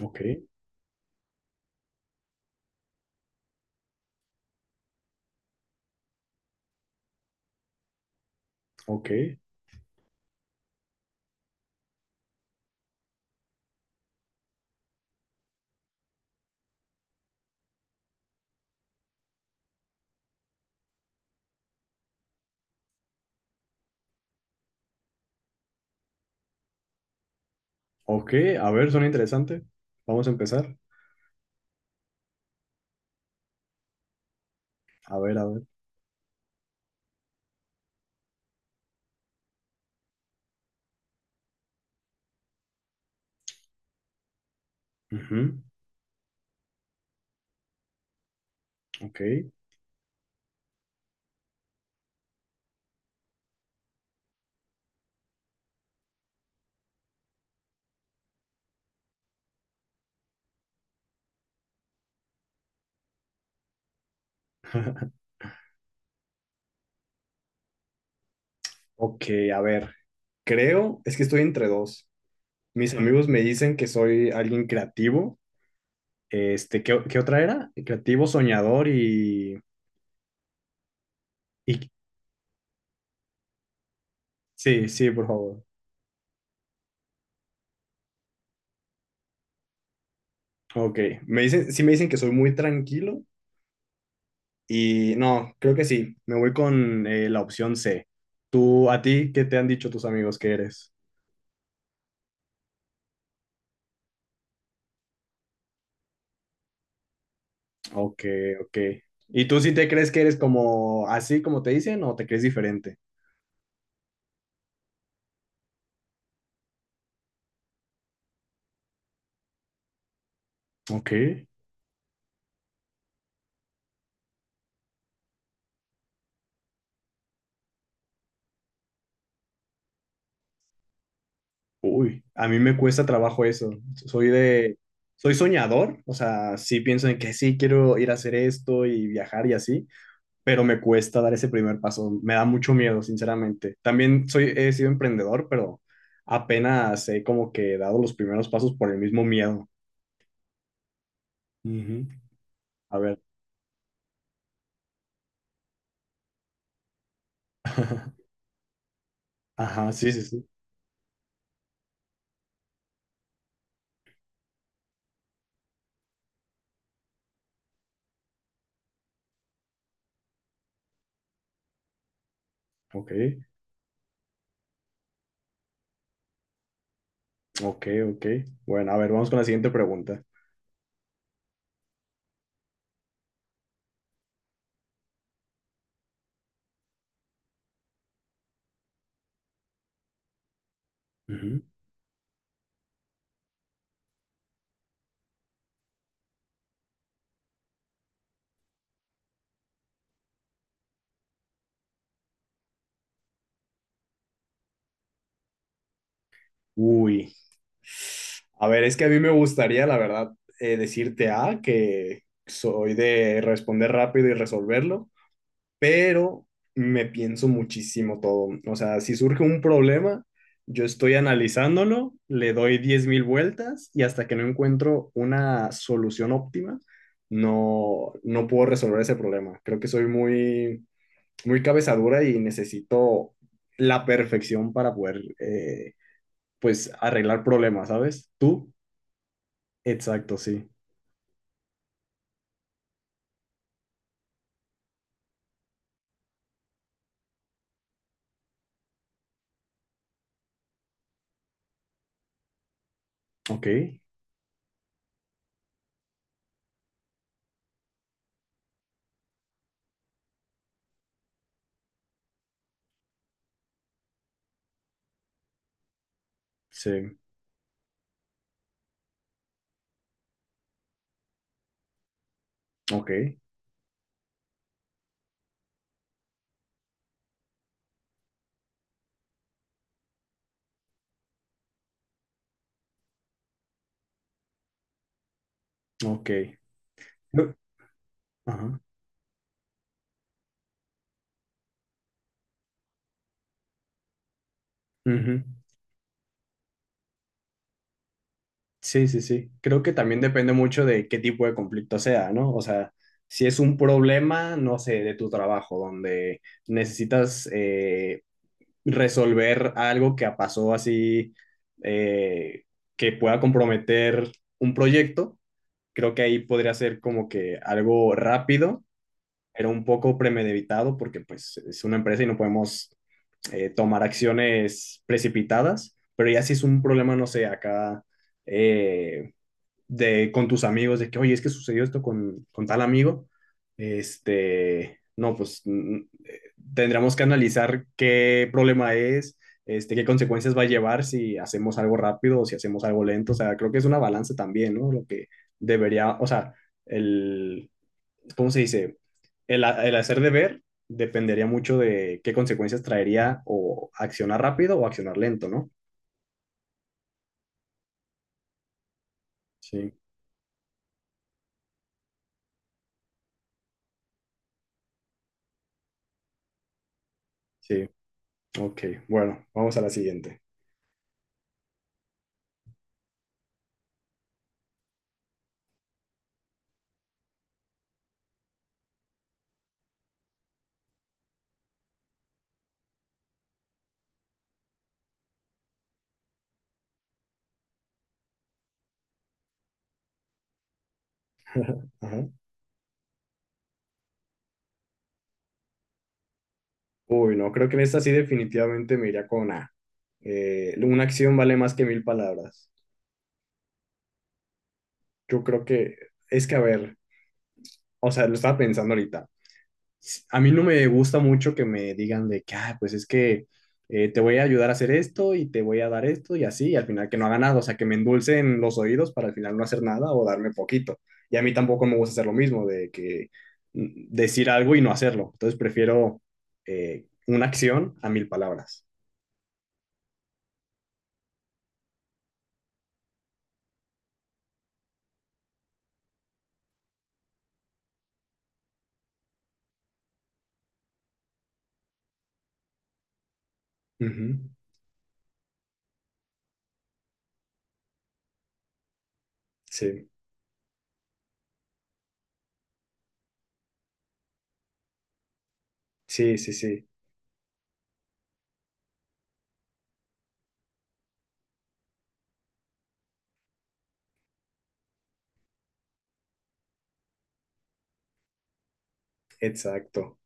Ok, ok, ok. A ver, suena interesante. Vamos a empezar. A ver, a ver. Ujú. Ok. Ok, a ver. Creo, es que estoy entre dos. Mis amigos me dicen que soy alguien creativo. ¿Qué otra era? Creativo, soñador y... Sí, sí, por favor. Ok. Me dicen, sí me dicen que soy muy tranquilo y no, creo que sí. Me voy con la opción C. Tú, a ti, ¿qué te han dicho tus amigos que eres? Ok, ok. ¿Y tú sí te crees que eres como así como te dicen o te crees diferente? Ok. Uy, a mí me cuesta trabajo eso. Soy de, soy soñador, o sea, sí pienso en que sí quiero ir a hacer esto y viajar y así, pero me cuesta dar ese primer paso. Me da mucho miedo, sinceramente. He sido emprendedor, pero apenas he como que dado los primeros pasos por el mismo miedo. Ujú. A ver. Ajá, sí, sí, sí. Ok. Ok, ok. Bueno, a ver, vamos con la siguiente pregunta. Ujú. Uy, a ver, es que a mí me gustaría, la verdad, decirte A, que soy de responder rápido y resolverlo, pero me pienso muchísimo todo. O sea, si surge un problema, yo estoy analizándolo, le doy 10.000 vueltas y hasta que no encuentro una solución óptima, no, no puedo resolver ese problema. Creo que soy muy muy cabezadura y necesito la perfección para poder, pues, arreglar problemas, ¿sabes? ¿Tú? Exacto, sí. Ok, sí, ok, ok. Yo- Ajá. Ujú. Sí, sí, sí. Creo que también depende mucho de qué tipo de conflicto sea, ¿no? O sea, si es un problema, no sé, de tu trabajo, donde necesitas resolver algo que pasó así, eh, que pueda comprometer un proyecto. Creo que ahí podría ser como que algo rápido, pero un poco premeditado porque pues es una empresa y no podemos tomar acciones precipitadas, pero ya si es un problema, no sé, acá, eh, con tus amigos, de que, oye, es que sucedió esto con tal amigo, no, pues tendremos que analizar qué problema es, qué consecuencias va a llevar si hacemos algo rápido o si hacemos algo lento. O sea, creo que es una balanza también, ¿no? Lo que debería, o sea, el, ¿cómo se dice? El hacer deber dependería mucho de qué consecuencias traería o accionar rápido o accionar lento, ¿no? Sí, sí. Ok, bueno, vamos a la siguiente. Ajá. Uy, no, creo que en esta sí definitivamente me iría con A. Una acción vale más que mil palabras. Yo creo que es que, a ver, o sea, lo estaba pensando ahorita. A mí no me gusta mucho que me digan de que, ah, pues es que te voy a ayudar a hacer esto y te voy a dar esto y así, y al final que no haga nada, o sea, que me endulcen los oídos para al final no hacer nada o darme poquito. Y a mí tampoco me gusta hacer lo mismo, de que decir algo y no hacerlo. Entonces prefiero una acción a mil palabras. Ujú. Sí. Sí, sí, sí, exacto.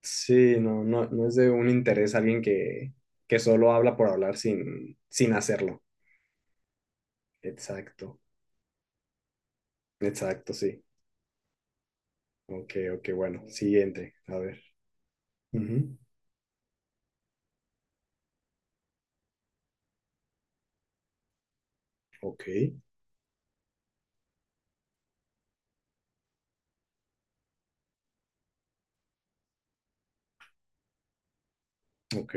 Sí, no, no, no es de un interés alguien que solo habla por hablar sin hacerlo. Exacto, exacto, sí. Ok, ok, bueno, siguiente, a ver. Ujú. Ok, ok,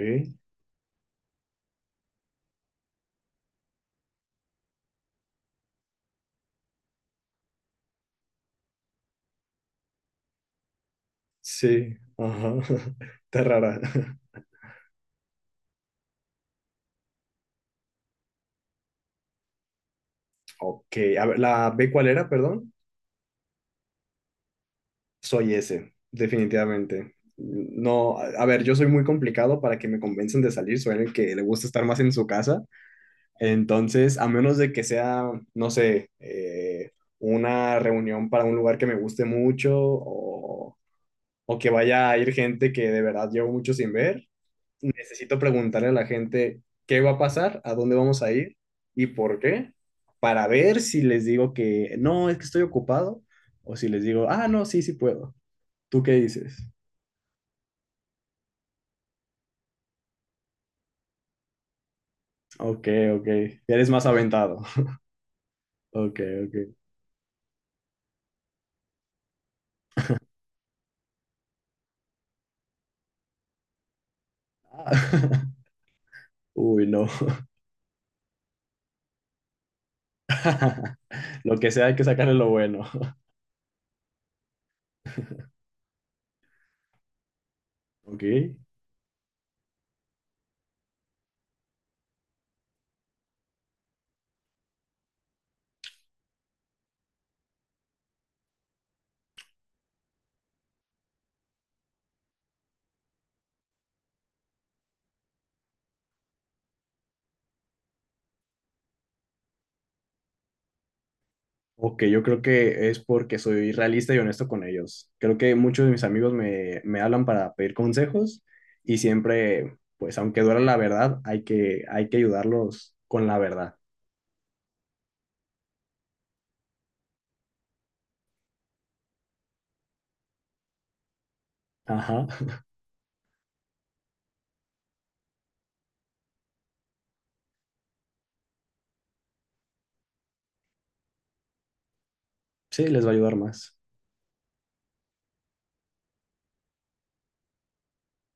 sí, ajá, está rara. Ok, a ver, ¿la B cuál era, perdón? Soy ese, definitivamente. No, a ver, yo soy muy complicado para que me convenzan de salir, soy el que le gusta estar más en su casa. Entonces, a menos de que sea, no sé, una reunión para un lugar que me guste mucho o que vaya a ir gente que de verdad llevo mucho sin ver, necesito preguntarle a la gente qué va a pasar, a dónde vamos a ir y por qué, para ver si les digo que no, es que estoy ocupado o si les digo, ah, no, sí, sí puedo. ¿Tú qué dices? Ok, ok. Eres más aventado. Ok, ok. Uy, no. Lo que sea, hay que sacarle lo bueno. Ok. Ok, yo creo que es porque soy realista y honesto con ellos. Creo que muchos de mis amigos me hablan para pedir consejos y siempre, pues aunque duela la verdad, hay que ayudarlos con la verdad. Ajá. Sí, les va a ayudar más.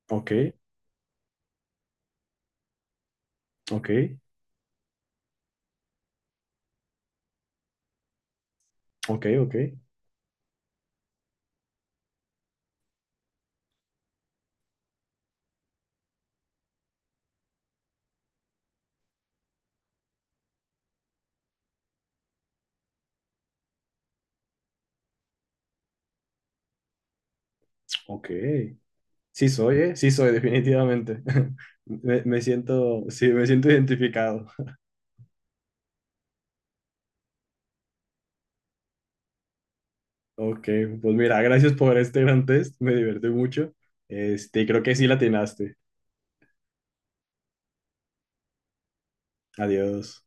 Ok, ok, ok, ok, ok. Sí soy, ¿eh? Sí soy, definitivamente. Me siento, sí, me siento identificado. Ok, pues mira, gracias por este gran test, me divertí mucho. Creo que sí la atinaste. Adiós.